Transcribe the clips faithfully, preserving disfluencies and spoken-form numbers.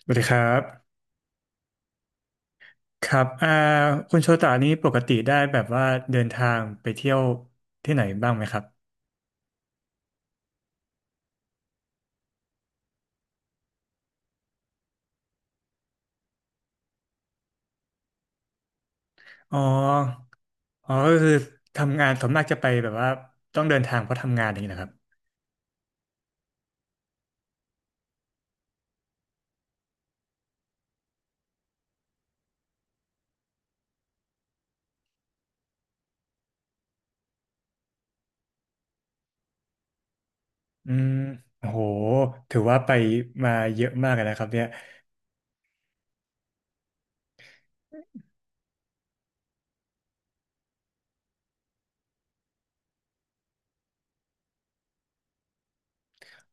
สวัสดีครับครับอ่าคุณโชตานี้ปกติได้แบบว่าเดินทางไปเที่ยวที่ไหนบ้างไหมครับอ๋ออ๋อก็คือทำงานส่วนมากจะไปแบบว่าต้องเดินทางเพราะทำงานอย่างนี้นะครับอืมโอ้โหถือว่าไปมาเยอะมากเลยนะครับเนี่ย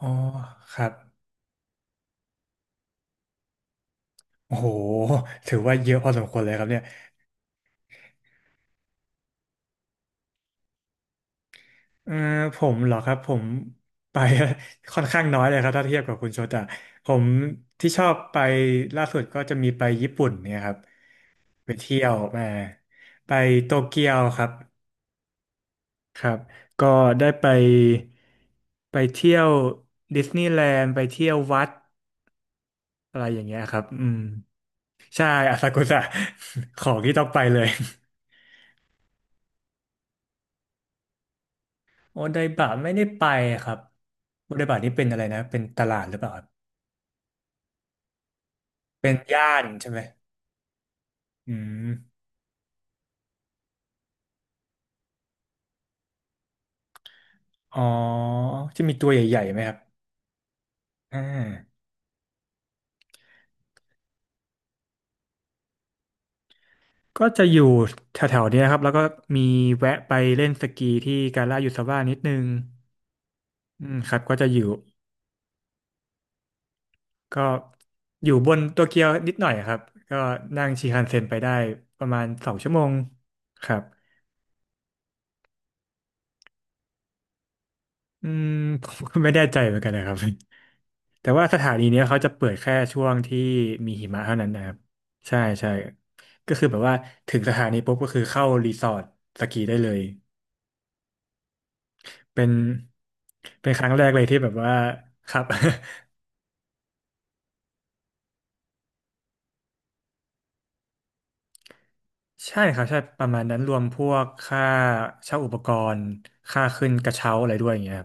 อ๋อครับโอ้โหถือว่าเยอะพอสมควรเลยครับเนี่ยเออผมเหรอครับผมไป ค่อนข้างน้อยเลยครับถ้าเทียบกับคุณโชตะผมที่ชอบไปล่าสุดก็จะมีไปญี่ปุ่นเนี่ยครับ ไปเที่ยวมาไปโตเกียวครับครับก็ได้ไปไปเที่ยวดิสนีย์แลนด์ไปเที่ยววัดอะไรอย่างเงี้ยครับอืมใช่อาซากุสะ ของที่ต้องไปเลย โอไดบะไม่ได้ไปครับโอไดบะนี่เป็นอะไรนะเป็นตลาดหรือเปล่าครับเป็นย่านใช่ไหมอืมอ๋อจะมีตัวใหญ่ๆไหมครับอ่าก็จะอยู่แถวๆเนี้ยครับแล้วก็มีแวะไปเล่นสกีที่กาลายูซาว่านิดนึง อืมครับก็จะอยู่ก็อยู่บนโตเกียวนิดหน่อยครับก็นั่งชินคันเซ็นไปได้ประมาณสองชั่วโมงครับอืมผมก็ไม่แน่ใจเหมือนกันนะครับ แต่ว่าสถานีเนี้ยเขาจะเปิดแค่ช่วงที่มีหิมะเท่านั้นนะครับใช่ใช่ก็คือแบบว่าถึงสถานีปุ๊บก็คือเข้ารีสอร์ทสกีได้เลยเป็นเป็นครั้งแรกเลยที่แบบว่าครับ ใช่ครับใช่ประมาณนั้นรวมพวกค่าเช่าอุปกรณ์ค่าขึ้นกระเช้าอะไรด้วยอย่างเงี้ย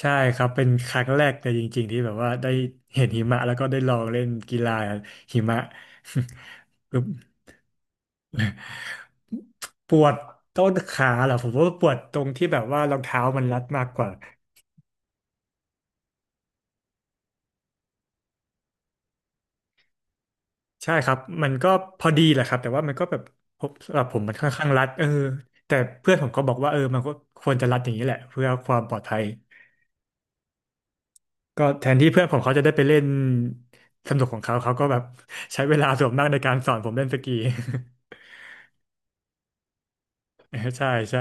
ใช่ครับเป็นครั้งแรกเลยจริงๆที่แบบว่าได้เห็นหิมะแล้วก็ได้ลองเล่นกีฬาหิมะ คือปวดต้นขาเหรอผมว่าปวดตรงที่แบบว่ารองเท้ามันรัดมากกว่าใช่ครับมันก็พอดีแหละครับแต่ว่ามันก็แบบผมสำหรับผมมันค่อนข้างรัดเออแต่เพื่อนผมก็บอกว่าเออมันก็ควรจะรัดอย่างนี้แหละเพื่อความปลอดภัยก็แทนที่เพื่อนผมเขาจะได้ไปเล่นสนุกของเขาเขาก็แบบใช้เวลาส่วนมากในการสอนผมเล่นสกี ใช่ใช่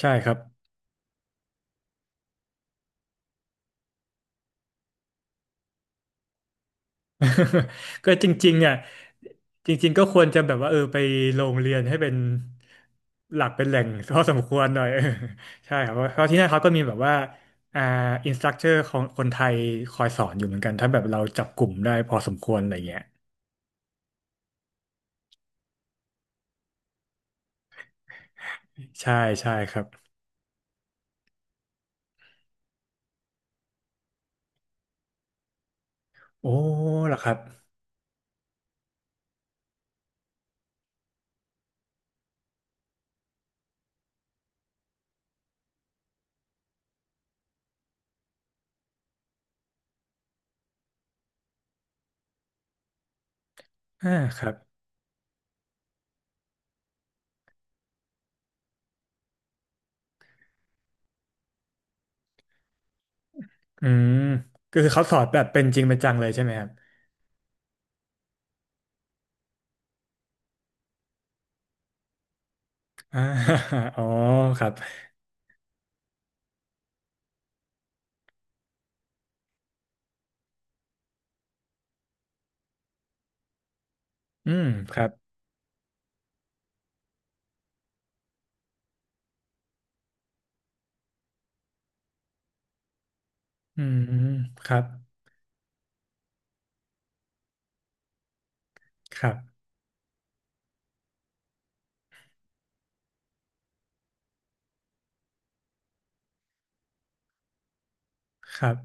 ใช่ครับ ก็จริงๆอ่ะจริงๆก็ควรจะแบบว่าเออไปโรงเรียนให้เป็นหลักเป็นแหล่งพอสมควรหน่อย เออใช่ครับเพราะเพราะที่นั่นเขาก็มีแบบว่าอ่าอินสตรัคเตอร์ของคนไทยคอยสอนอยู่เหมือนกันถ้าแบบเราจับกลุ่มได้พอสมควรอะไรเงี้ยใช่ใช่ครับโอ้เหรอครับอ่าครับอืมก็คือเขาสอนแบบเป็นจริงเป็นจังเลยใช่ไหมครับอ่า อ๋อครับอืมครับอืมครับครับครับ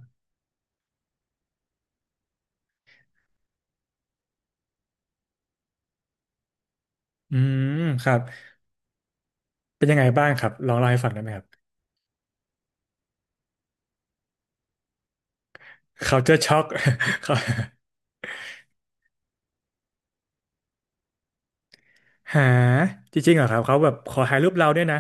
อืมครับ เป็นยังไงบ้างครับลองเล่าให้ฟังได้ไหมครับ culture shock เขาหาจริงๆเหรอครับเขาแบบขอถ่ายรูปเราด้วยนะ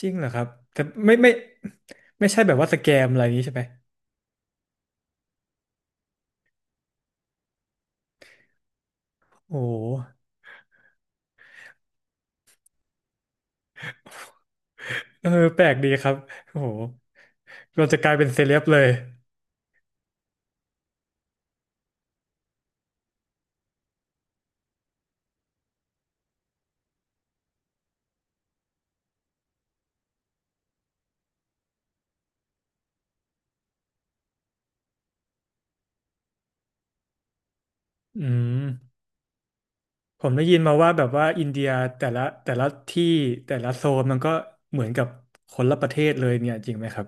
จริงเหรอครับแต่ไม่ไม่ไม่ใช่แบบว่าสแกมอะไรอย่างนี้ใช่ไหมโอ้โหเออแปลกดีครับโอ้โหเราจะกลายเป็นเซเลบเลยอืมผมได้ยินมาว่าแบบว่าอินเดียแต่ละแต่ละที่แต่ละโซนมันก็เหมือนกับคนละประเทศเลยเนี่ยจริงไหมครับ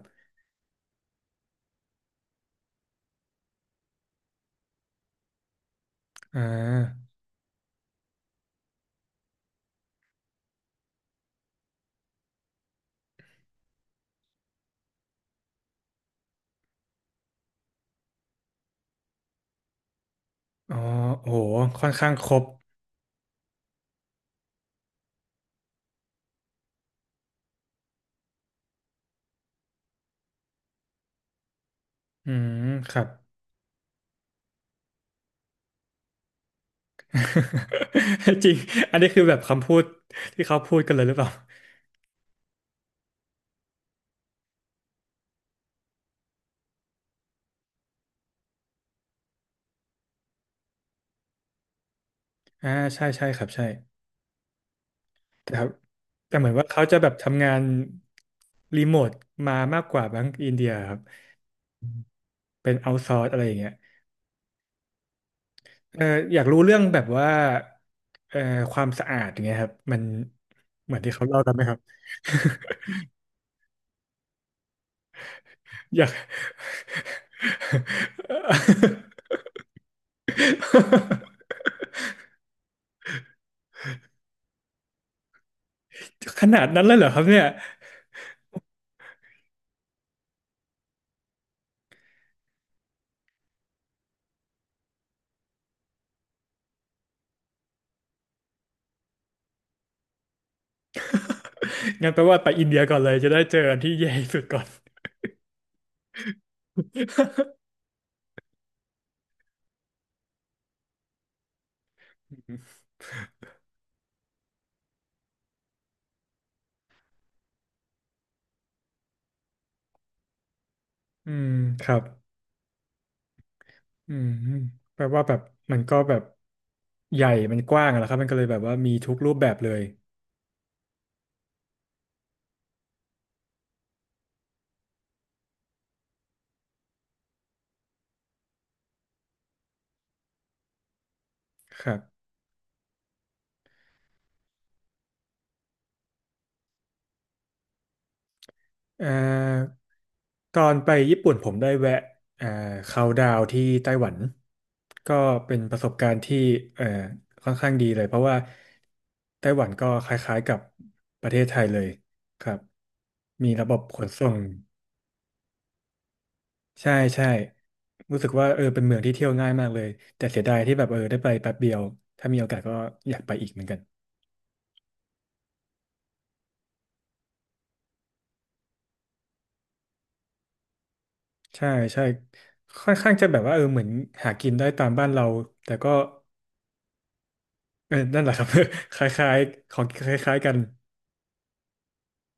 อ่าอ๋อโอ้โหค่อนข้างครบอืมครับ จริง อันนี้คือแบบคำพูดที่เขาพูดกันเลยหรือเปล่าอ่าใช่ใช่ครับใช่แต่ครับแต่เหมือนว่าเขาจะแบบทำงานรีโมทมามากกว่าแบงก์อินเดียครับ เป็นเอา s o ซอร์สอะไรอย่างเงี้ยเอออยากรู้เรื่องแบบว่าเอ่อความสะอาดอย่างเงี้ยครับมันเหมือนที่เขาเล่ากันไหมครับ อยาก ขนาดนั้นเลยเหรอครับเนี่ย งั้นแปลว่าไปอินเดียก่อนเลยจะได้เจออันที่แย่ที่สุดก่อน อืมครับอืมแปลว่าแบบมันก็แบบใหญ่มันกว้างอะนะครับมันก็เลยแบบว่ามีทุกรูปแบบเลยครับเอ่อตอนไปญี่ปุ่นผมได้แวะเอ่อเขาน์ดาวน์ที่ไต้หวัน ก็เป็นประสบการณ์ที่เอ่อค่อนข้างดีเลยเพราะว่าไต้หวันก็คล้ายๆกับประเทศไทยเลยครับมีระบบขนส่ง ใช่ใช่รู้สึกว่าเออเป็นเมืองที่เที่ยวง่ายมากเลยแต่เสียดายที่แบบเออได้ไปแป๊บเดียวถ้ามีโอกาสก็อยากไปอีกเหมือนกันใช่ใช่ค่อนข้างจะแบบว่าเออเหมือนหากินได้ตามบ้านเราแต่ก็เออนั่นแหละครับ คล้ายๆของคล้ายๆกัน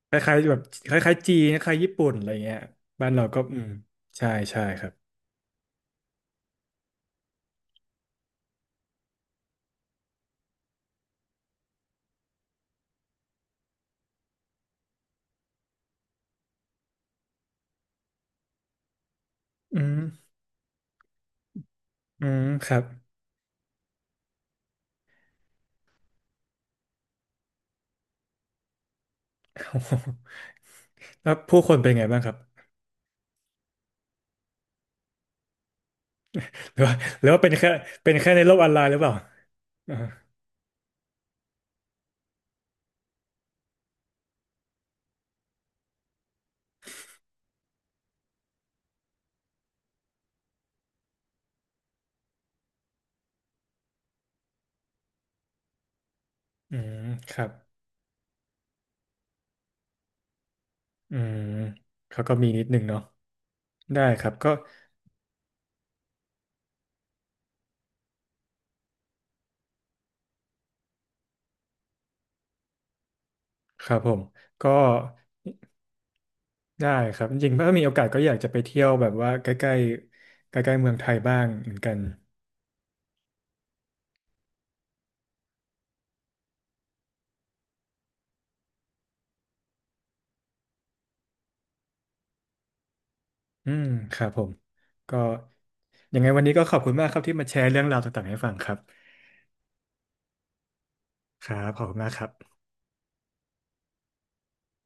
คล้ายๆแบบคล้ายๆจีนคล้ายๆญี่ปุ่นอะไรเงี้ยบ้านเราก็อืมใช่ใช่ครับอืมอืมครับ โอ้โหแล้วผู้คนเป็นไงบ้างครับหรือว่าหรือว่าเป็นแค่เป็นแค่ในโลกออนไลน์หรือเปล่าอ่าอืมครับ อืมเขาก็มีนิดหนึ่งเนาะได้ครับก็ครับผมก็ได้ครับจริงๆถ้ามีโอกาสก็อยากจะไปเที่ยวแบบว่าใกล้ๆใกล้ๆเมืองไทยบ้างเหมือนกันอืมครับผมก็ยังไงวันนี้ก็ขอบคุณมากครับที่มาแชร์เรื่องราวต่างๆให้ฟังครับครับขอบคุณมากครับ